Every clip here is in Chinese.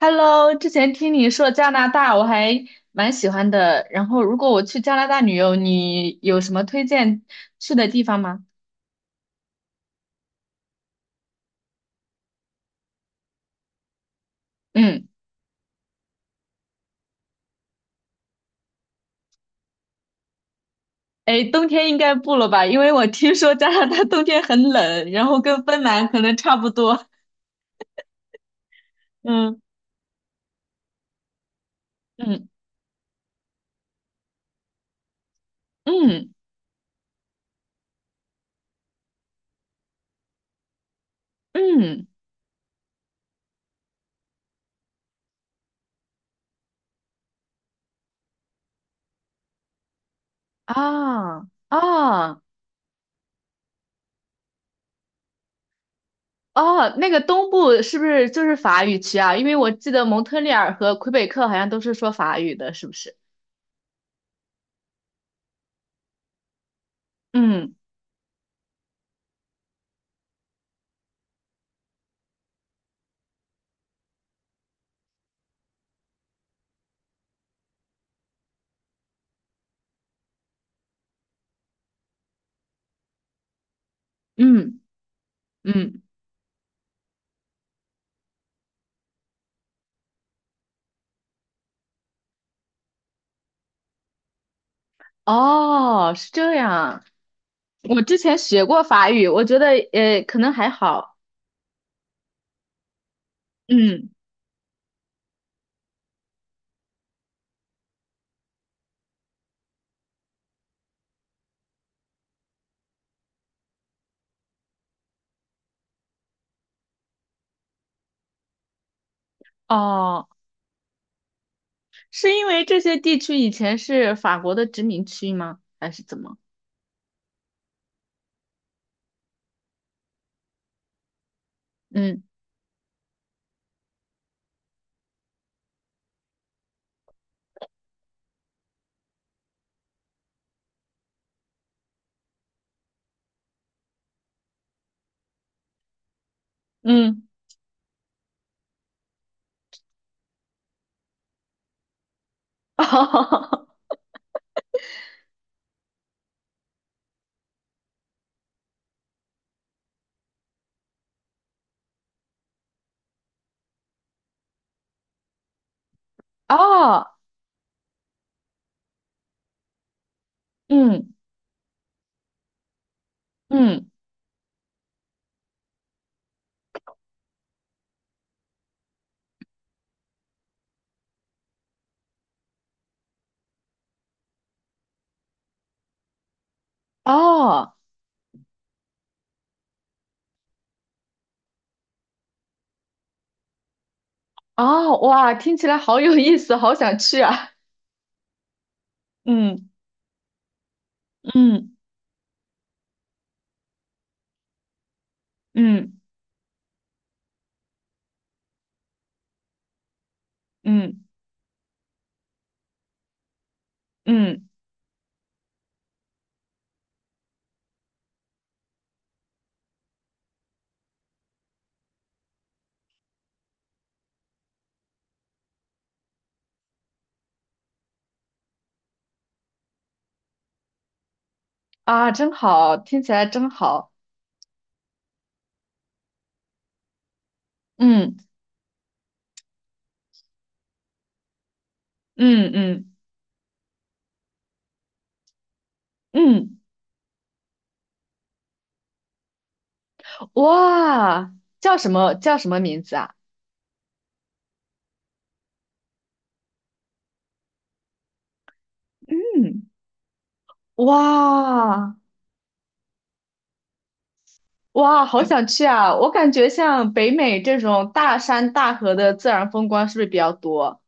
Hello，之前听你说加拿大，我还蛮喜欢的。然后，如果我去加拿大旅游，你有什么推荐去的地方吗？嗯。哎，冬天应该不了吧？因为我听说加拿大冬天很冷，然后跟芬兰可能差不多。嗯。嗯嗯嗯，啊啊啊！那个东部是不是就是法语区啊？因为我记得蒙特利尔和魁北克好像都是说法语的，是不是？嗯嗯嗯。哦，是这样。我之前学过法语，我觉得可能还好。嗯。哦，是因为这些地区以前是法国的殖民区吗？还是怎么？嗯嗯，哦。哦嗯嗯哦哦，哇，听起来好有意思，好想去啊！嗯嗯嗯嗯嗯啊，真好，听起来真好。嗯嗯嗯嗯哇，叫什么名字啊？嗯。哇。哇，好想去啊！我感觉像北美这种大山大河的自然风光是不是比较多？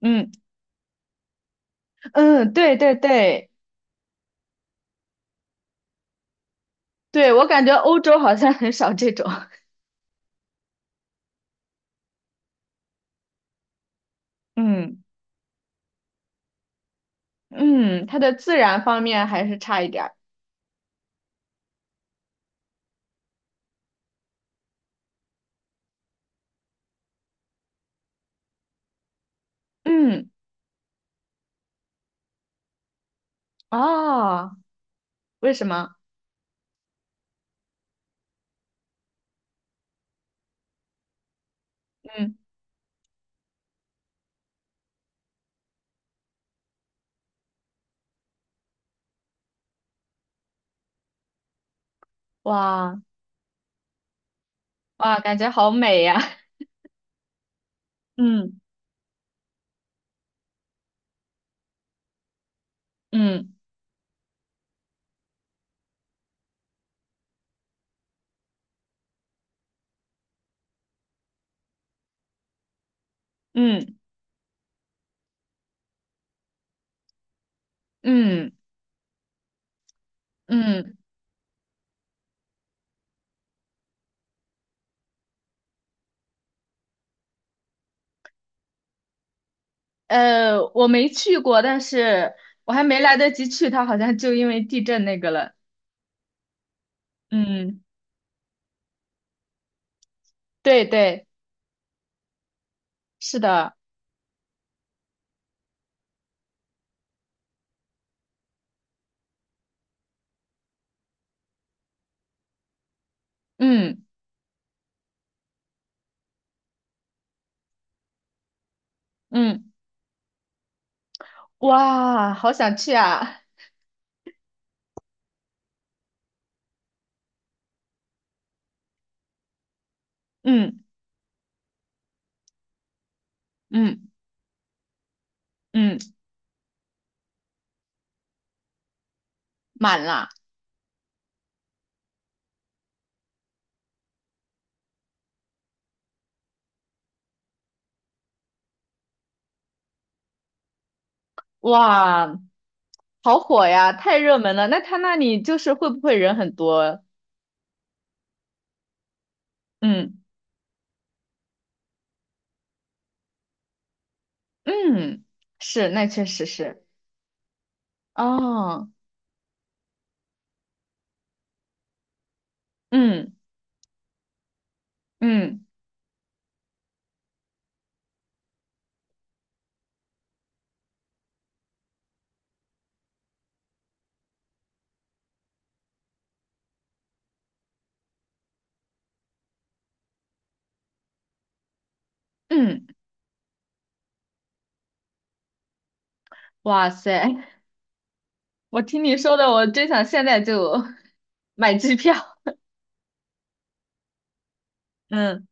嗯。嗯，对对对，我感觉欧洲好像很少这种。嗯。嗯，它的自然方面还是差一点儿。嗯。啊，为什么？嗯。哇。哇，感觉好美呀！嗯。嗯，嗯嗯嗯我没去过，但是我还没来得及去，它好像就因为地震那个了。嗯，对对，是的。嗯嗯，哇，好想去啊！嗯。嗯，嗯，满了。哇，好火呀，太热门了。那他那里就是会不会人很多？嗯。嗯，是，那确实是。哦。嗯嗯嗯，哇塞，我听你说的，我真想现在就 买机票 嗯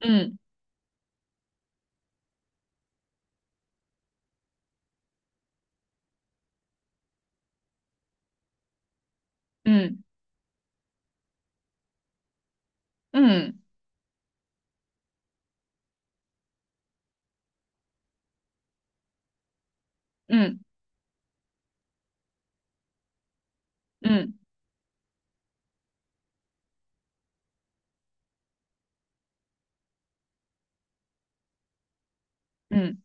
嗯嗯嗯嗯嗯嗯，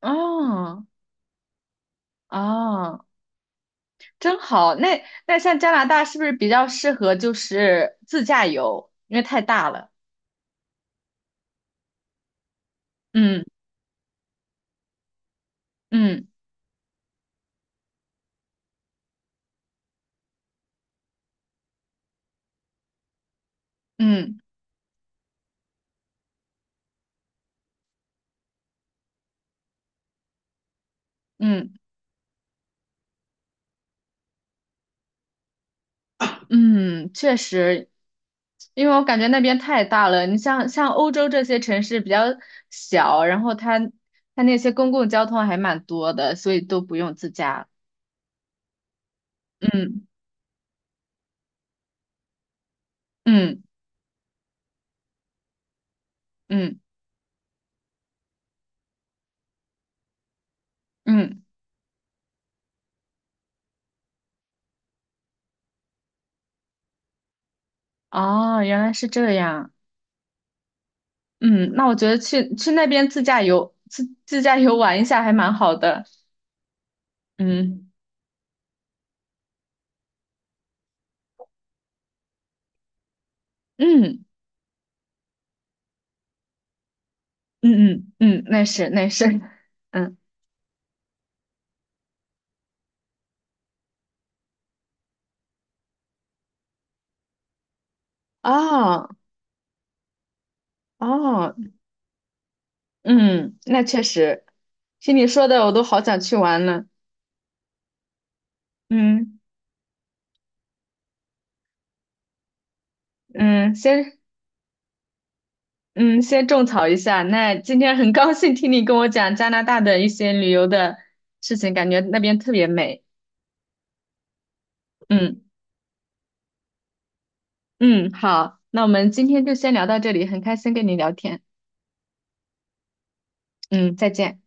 哦。哦，真好。那那像加拿大是不是比较适合就是自驾游？因为太大了。嗯嗯嗯嗯嗯，确实，因为我感觉那边太大了。你像欧洲这些城市比较小，然后它那些公共交通还蛮多的，所以都不用自驾。嗯。嗯嗯嗯，哦，原来是这样。嗯，那我觉得去那边自驾游，自驾游玩一下还蛮好的。嗯嗯嗯，那是那是。嗯。哦。哦，嗯，那确实，听你说的我都好想去玩了。嗯，嗯，先种草一下。那今天很高兴听你跟我讲加拿大的一些旅游的事情，感觉那边特别美。嗯。嗯，好，那我们今天就先聊到这里，很开心跟你聊天。嗯，再见。